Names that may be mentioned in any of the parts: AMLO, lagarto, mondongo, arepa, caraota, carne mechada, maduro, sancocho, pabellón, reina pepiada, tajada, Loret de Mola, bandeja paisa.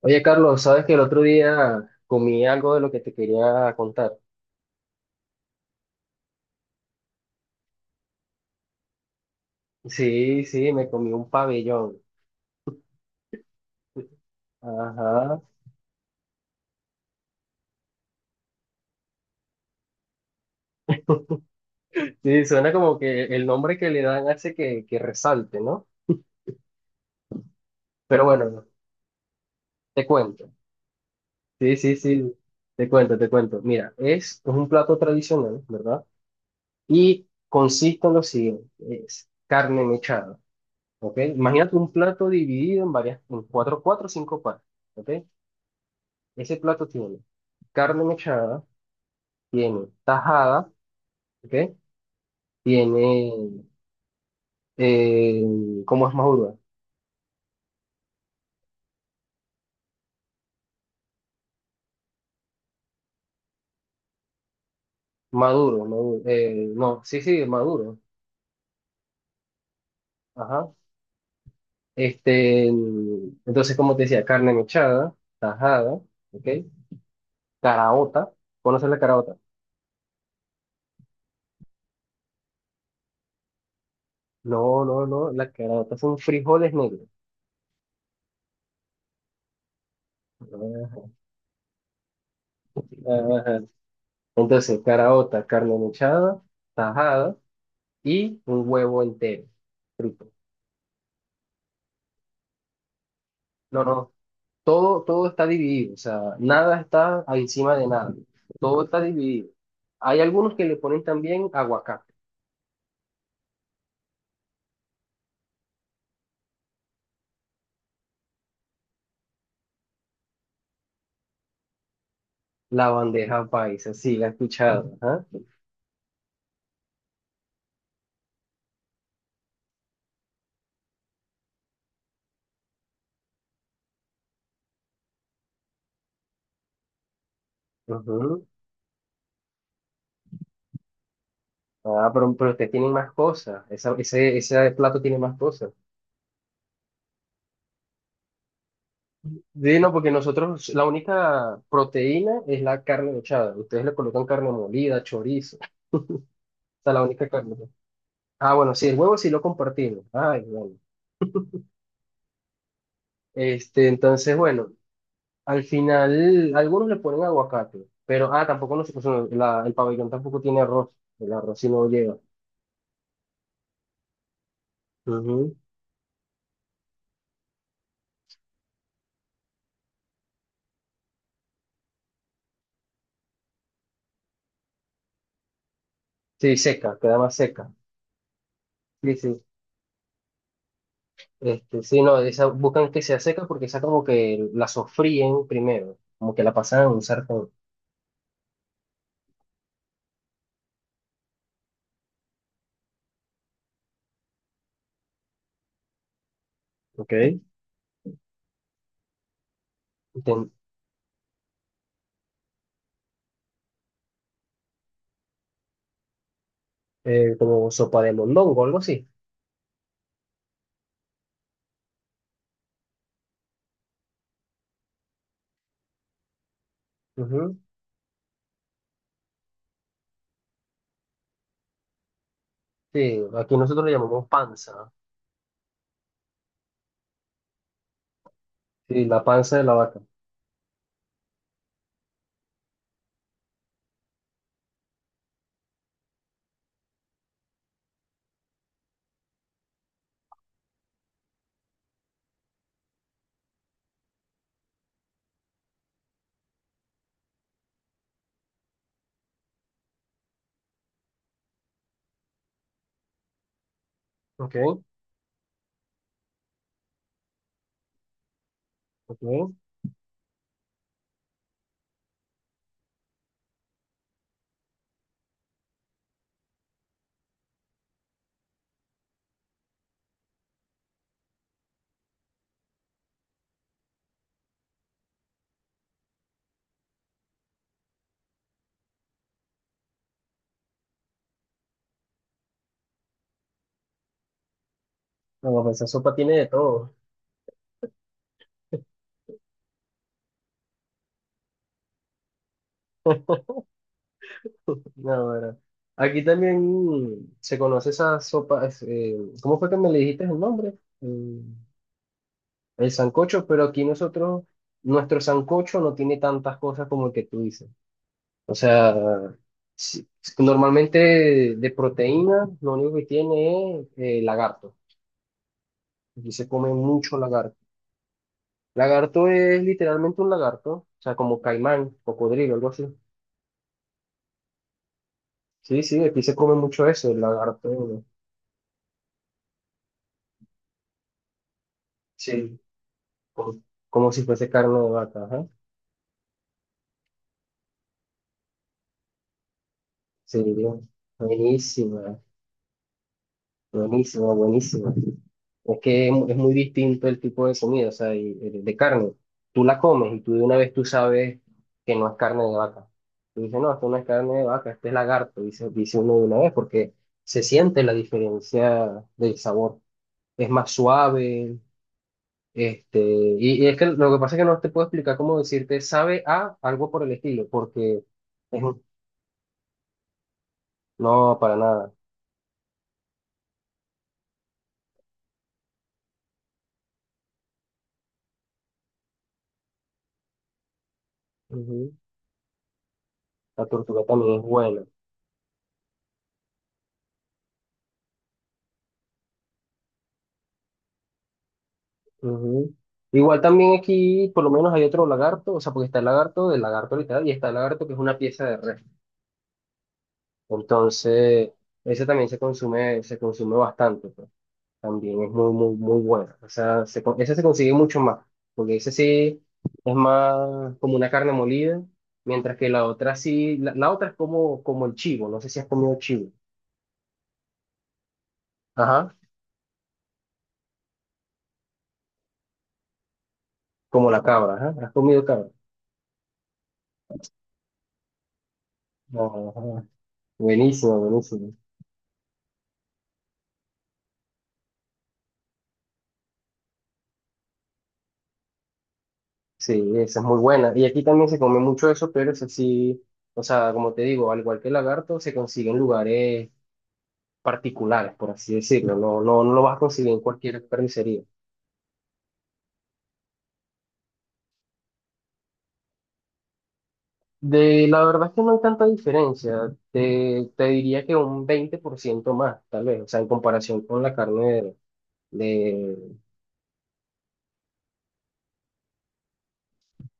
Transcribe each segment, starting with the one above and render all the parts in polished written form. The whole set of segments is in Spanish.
Oye, Carlos, sabes que el otro día comí algo de lo que te quería contar. Sí, me comí un pabellón. Ajá. Sí, suena como que el nombre que le dan hace que resalte, ¿no? Pero bueno, te cuento. Sí, te cuento. Mira, es un plato tradicional, ¿verdad? Y consiste en lo siguiente, es carne mechada, ¿ok? Imagínate un plato dividido en varias, en cuatro, cuatro o cinco partes, ¿ok? Ese plato tiene carne mechada, tiene tajada, ¿ok? Tiene, eh, ¿cómo es maduro? Maduro, maduro, no, sí, sí, maduro, ajá. Entonces, como te decía, carne mechada, tajada, ¿ok? Caraota, ¿conoces la caraota? No, no, no, la caraota son frijoles negros. Ah, ajá. Entonces, caraota, carne mechada, tajada y un huevo entero, frito. No, no, todo, todo está dividido, o sea, nada está encima de nada, todo está dividido. Hay algunos que le ponen también aguacate. La bandeja paisa, sí, la he escuchado. Ajá. Ujú. Ah, pero ustedes tienen más cosas, ese, ese plato tiene más cosas. Sí, no, porque nosotros la única proteína es la carne mechada, ustedes le colocan carne molida, chorizo, o sea, la única carne. Ah, bueno, sí, el huevo sí lo compartimos. Ay, bueno. Entonces, bueno. Al final, algunos le ponen aguacate, pero, ah, tampoco no se cocina, el pabellón tampoco tiene arroz, el arroz sí no lleva. Ujú. Sí, seca, queda más seca. Sí, sí. Sí, no, esa, buscan que sea seca porque esa como que la sofríen primero, como que la pasan a un sartén. ¿Ok? Ten- como sopa de mondongo, algo así. Ujú. Sí, aquí nosotros le llamamos panza. Sí, la panza de la vaca. ¿Ok? ¿Ok? No, pues esa sopa tiene de todo. No, bueno. Aquí también se conoce esa sopa. Es, ¿cómo fue que me le dijiste el nombre? Eh, el sancocho, pero aquí nosotros, nuestro sancocho no tiene tantas cosas como el que tú dices. O sea, si- normalmente de proteína, lo único que tiene es lagarto. Aquí se come mucho lagarto. Lagarto es literalmente un lagarto, o sea, como caimán, cocodrilo, algo así. Sí, sí, aquí se come mucho eso, el lagarto. Sí, como, como si fuese carne de vaca, ajá. Sí, buenísima, buenísima, buenísima. Es que es, es muy distinto el tipo de comida, o sea, de carne. Tú la comes y tú de una vez tú sabes que no es carne de vaca. Tú dices, no, esto no es carne de vaca, este es lagarto, dice uno de una vez, porque se siente la diferencia del sabor. Es más suave, y es que lo que pasa es que no te puedo explicar cómo decirte sabe a algo por el estilo, porque es, no, para nada. Ujú. La tortuga también es buena. Ujú. Igual también aquí, por lo menos hay otro lagarto, o sea, porque está el lagarto del lagarto literal y está el lagarto que es una pieza de res. Entonces, ese también se consume bastante, pues. También es muy, muy, muy bueno. O sea, ese se consigue mucho más, porque ese sí es más como una carne molida, mientras que la otra sí, la otra es como, como el chivo, no sé si has comido chivo. Ajá, como la cabra, ajá, has comido cabra. Ajá. Buenísimo, buenísimo. Sí, esa es muy buena. Y aquí también se come mucho eso, pero es así, o sea, como te digo, al igual que el lagarto, se consigue en lugares particulares, por así decirlo. No, no, no lo vas a conseguir en cualquier carnicería. De la verdad es que no hay tanta diferencia. Te diría que un 20% más, tal vez, o sea, en comparación con la carne de... de-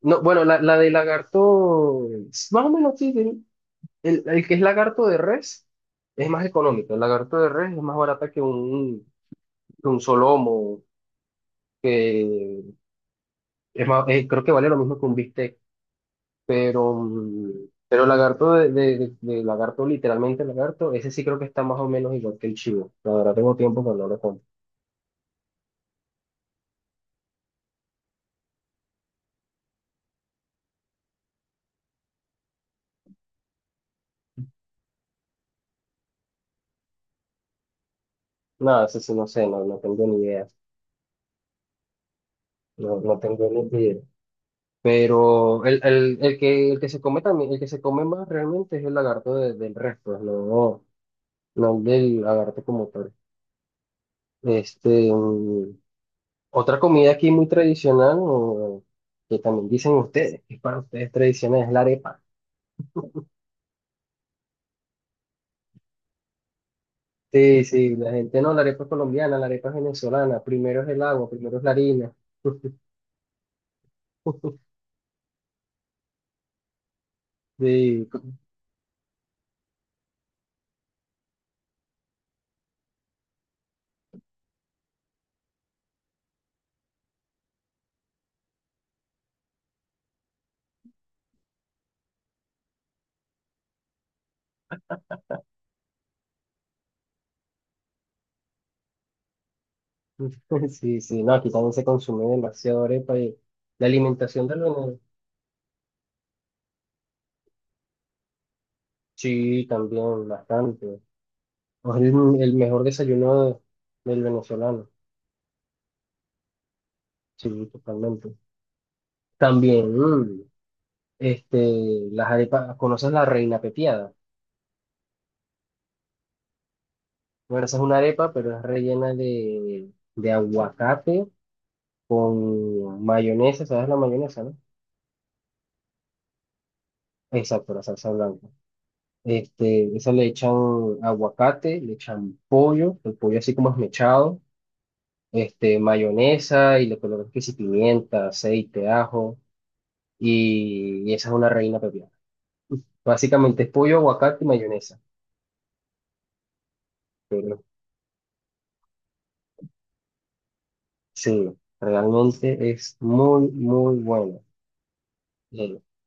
No, bueno, la de lagarto, más o menos sí, sí. El el que es lagarto de res es más económico. El lagarto de res es más barata que que un solomo que es más, creo que vale lo mismo que un bistec, pero, pero el lagarto de lagarto, literalmente lagarto, ese sí creo que está más o menos igual que el chivo. La verdad tengo tiempo que no lo como. Nada, ese sí no sé, no, no tengo ni idea. No, no tengo ni idea. Pero el que se come también, el que se come más realmente es el lagarto del resto, no, no el del lagarto como tal. Este, mm, Otra comida aquí muy tradicional, o que también dicen ustedes, que es para ustedes tradicional, es la arepa. Sí, sí, la gente no, la arepa es colombiana, la arepa es venezolana, primero es el agua, primero es la harina. Sí, sí, sí, no, aquí también se consume demasiado arepa y la alimentación del venezolano, sí, también bastante. Es el mejor desayuno del venezolano, sí, totalmente. También, las arepas, ¿conoces la reina pepiada? Bueno, esa es una arepa, pero es rellena de aguacate con mayonesa, ¿sabes la mayonesa, no? Exacto, la salsa blanca. Esa le echan aguacate, le echan pollo, el pollo así como esmechado, mayonesa y le colocan que si pimienta, aceite, ajo, y esa es una reina pepiada. Básicamente es pollo, aguacate y mayonesa, pero sí, realmente es muy, muy bueno.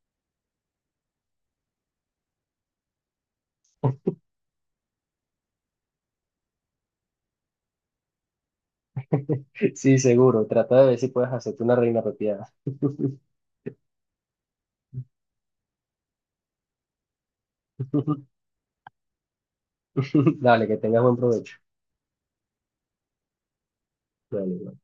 Sí, seguro. Trata de ver si puedes hacerte una reina pepiada. Dale, que tengas buen provecho. Dale,